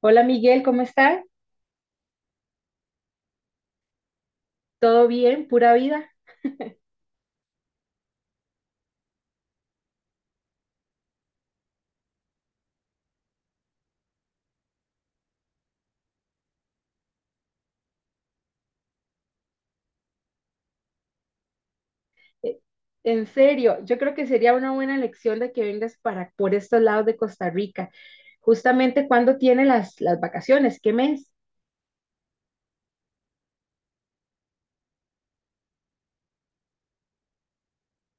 Hola Miguel, ¿cómo estás? ¿Todo bien? ¿Pura vida? Eh, En serio, yo creo que sería una buena elección de que vengas para por estos lados de Costa Rica. Justamente cuando tiene las vacaciones, ¿qué mes?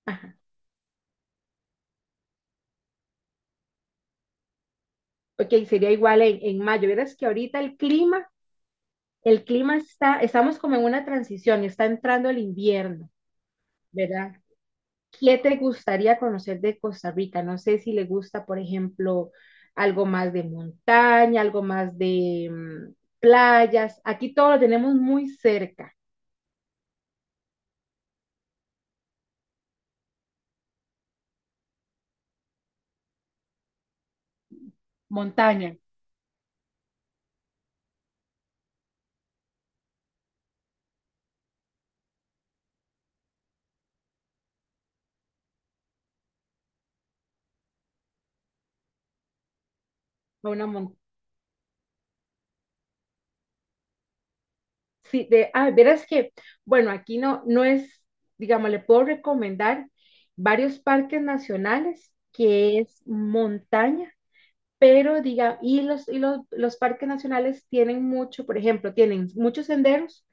Ajá. Ok, sería igual en, mayo. Verás que ahorita el clima, estamos como en una transición, está entrando el invierno, ¿verdad? ¿Qué te gustaría conocer de Costa Rica? No sé si le gusta, por ejemplo, algo más de montaña, algo más de playas. Aquí todo lo tenemos muy cerca. Montaña. a Una mon- sí, verás que, bueno, aquí no, no es, digamos, le puedo recomendar varios parques nacionales que es montaña, pero diga, y los parques nacionales tienen mucho, por ejemplo, tienen muchos senderos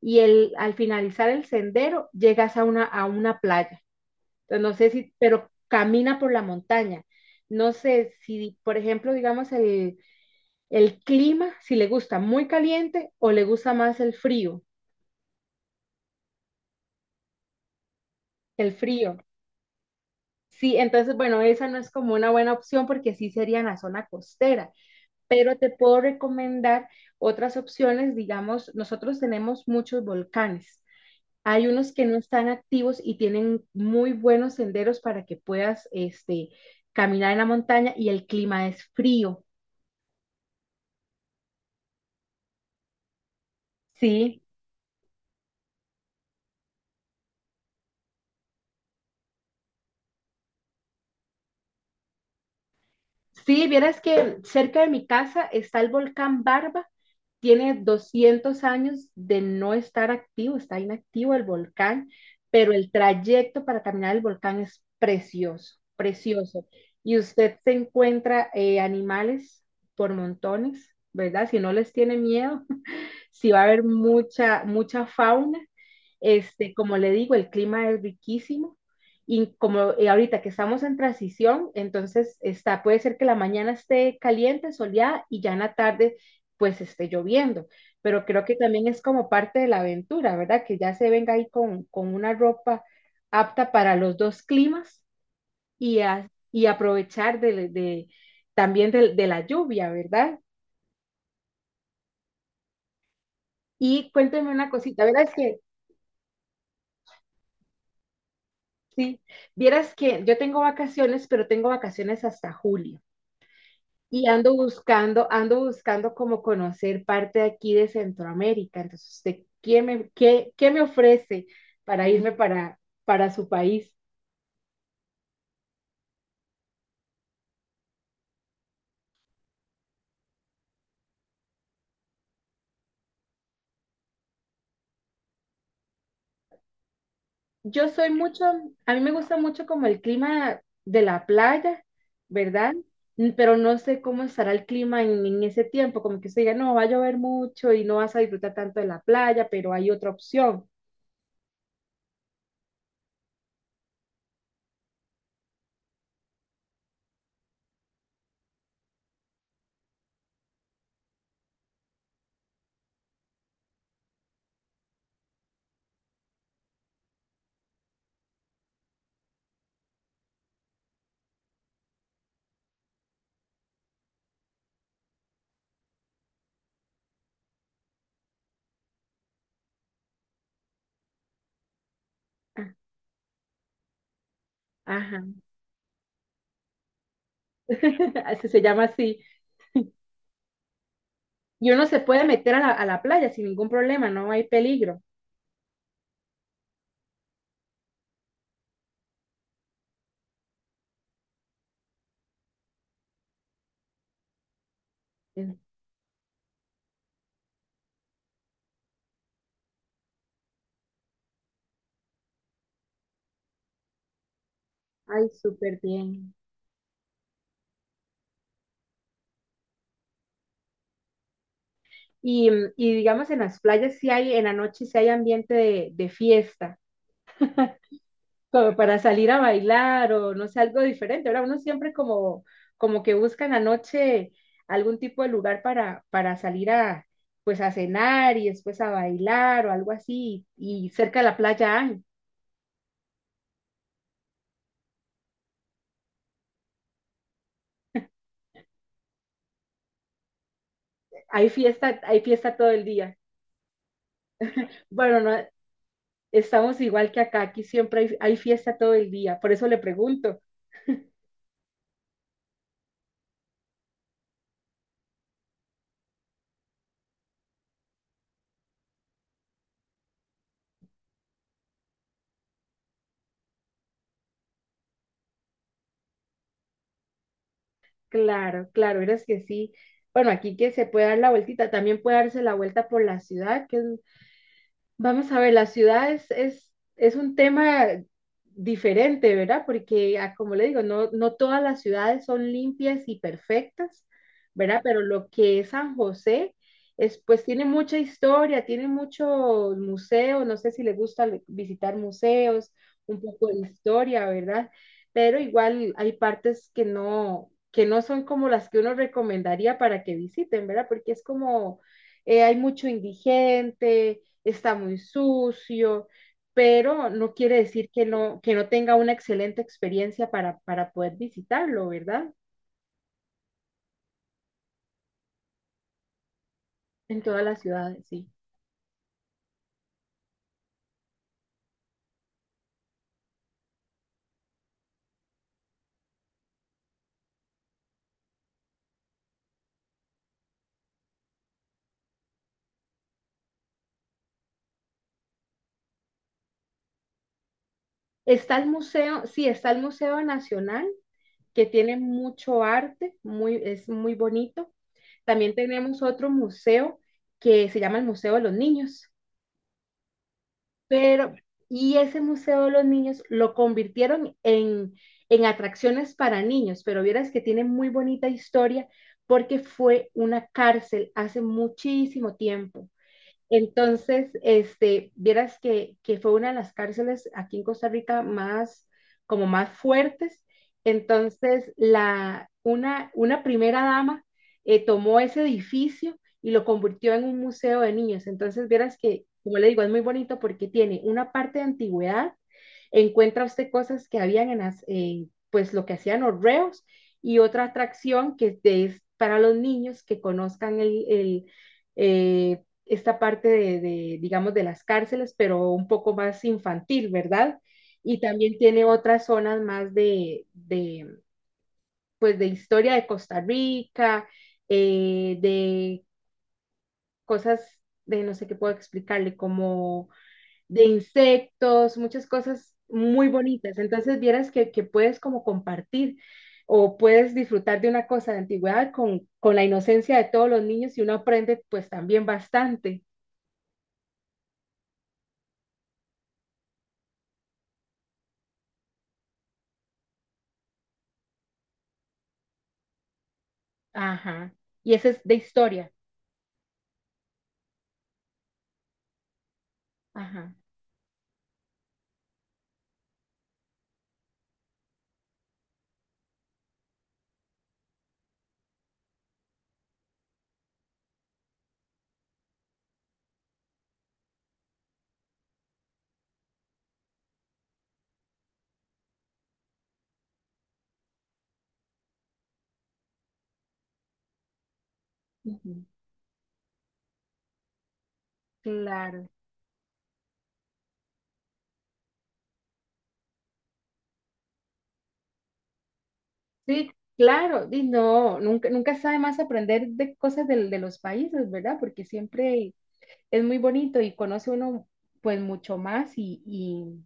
y el, al finalizar el sendero llegas a una playa. Entonces, no sé si, pero camina por la montaña. No sé si, por ejemplo, digamos, el clima, si le gusta muy caliente o le gusta más el frío. Sí, entonces, bueno, esa no es como una buena opción porque sí sería en la zona costera, pero te puedo recomendar otras opciones. Digamos, nosotros tenemos muchos volcanes. Hay unos que no están activos y tienen muy buenos senderos para que puedas este, caminar en la montaña y el clima es frío, ¿sí? Sí, vieras que cerca de mi casa está el volcán Barba. Tiene 200 años de no estar activo, está inactivo el volcán, pero el trayecto para caminar el volcán es precioso, precioso. Y usted se encuentra animales por montones, ¿verdad? Si no les tiene miedo, sí va a haber mucha fauna. Este, como le digo, el clima es riquísimo, y como ahorita que estamos en transición, entonces está, puede ser que la mañana esté caliente, soleada, y ya en la tarde pues esté lloviendo, pero creo que también es como parte de la aventura, ¿verdad? Que ya se venga ahí con, una ropa apta para los dos climas y, aprovechar de también de la lluvia, ¿verdad? Y cuénteme una cosita, ¿verdad? Es que sí, vieras que yo tengo vacaciones, pero tengo vacaciones hasta julio. Y ando buscando como conocer parte de aquí de Centroamérica. Entonces, ¿usted qué me ofrece para irme para, su país? Yo soy mucho, a mí me gusta mucho como el clima de la playa, ¿verdad? Pero no sé cómo estará el clima en, ese tiempo, como que usted diga, no, va a llover mucho y no vas a disfrutar tanto de la playa, pero hay otra opción. Ajá, así se llama, así. Y uno se puede meter a la playa sin ningún problema, no hay peligro. Ay, súper bien. Y, digamos, en las playas sí hay, en la noche sí hay ambiente de, fiesta, como para salir a bailar, o no sé, algo diferente. Ahora uno siempre como, que busca en la noche algún tipo de lugar para, salir a, pues a cenar y después a bailar, o algo así. Y cerca de la playa hay fiesta, hay fiesta todo el día. Bueno, no, estamos igual que acá, aquí siempre hay fiesta todo el día, por eso le pregunto. Claro, claro, eres que sí. Bueno, aquí que se puede dar la vueltita, también puede darse la vuelta por la ciudad, que es... Vamos a ver, la ciudad es un tema diferente, ¿verdad? Porque, como le digo, no, no todas las ciudades son limpias y perfectas, ¿verdad? Pero lo que es San José es, pues, tiene mucha historia, tiene muchos museos, no sé si le gusta visitar museos, un poco de historia, ¿verdad? Pero igual hay partes que no son como las que uno recomendaría para que visiten, ¿verdad? Porque es como, hay mucho indigente, está muy sucio, pero no quiere decir que no tenga una excelente experiencia para, poder visitarlo, ¿verdad? En todas las ciudades, sí. Está el museo, sí, está el Museo Nacional, que tiene mucho arte, muy, es muy bonito. También tenemos otro museo que se llama el Museo de los Niños. Pero, y ese Museo de los Niños lo convirtieron en, atracciones para niños, pero vieras que tiene muy bonita historia porque fue una cárcel hace muchísimo tiempo. Entonces, este, vieras que fue una de las cárceles aquí en Costa Rica más, como más fuertes. Entonces, la, una primera dama tomó ese edificio y lo convirtió en un museo de niños. Entonces, vieras que, como le digo, es muy bonito porque tiene una parte de antigüedad, encuentra usted cosas que habían en las, pues lo que hacían los reos, y otra atracción que es es para los niños que conozcan eh, esta parte de digamos, de las cárceles, pero un poco más infantil, ¿verdad? Y también tiene otras zonas más de pues, de historia de Costa Rica, de cosas de no sé qué puedo explicarle, como de insectos, muchas cosas muy bonitas. Entonces, vieras que puedes como compartir, o puedes disfrutar de una cosa de antigüedad con, la inocencia de todos los niños, y uno aprende pues también bastante. Ajá. Y ese es de historia. Ajá. Ujú. Claro. Sí, claro. Y no, nunca, nunca sabe más aprender de cosas de los países, ¿verdad? Porque siempre es muy bonito y conoce uno pues mucho más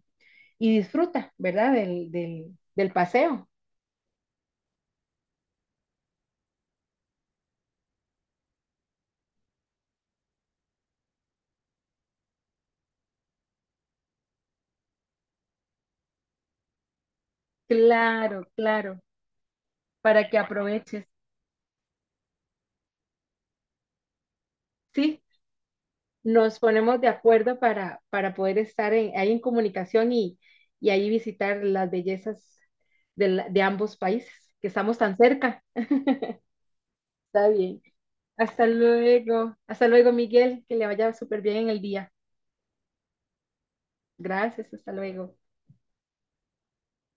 y disfruta, ¿verdad? Del paseo. Claro, claro. Para que aproveches. Sí, nos ponemos de acuerdo para, poder estar en, ahí en comunicación, y ahí visitar las bellezas de, de ambos países, que estamos tan cerca. Está bien. Hasta luego. Hasta luego, Miguel. Que le vaya súper bien en el día. Gracias. Hasta luego.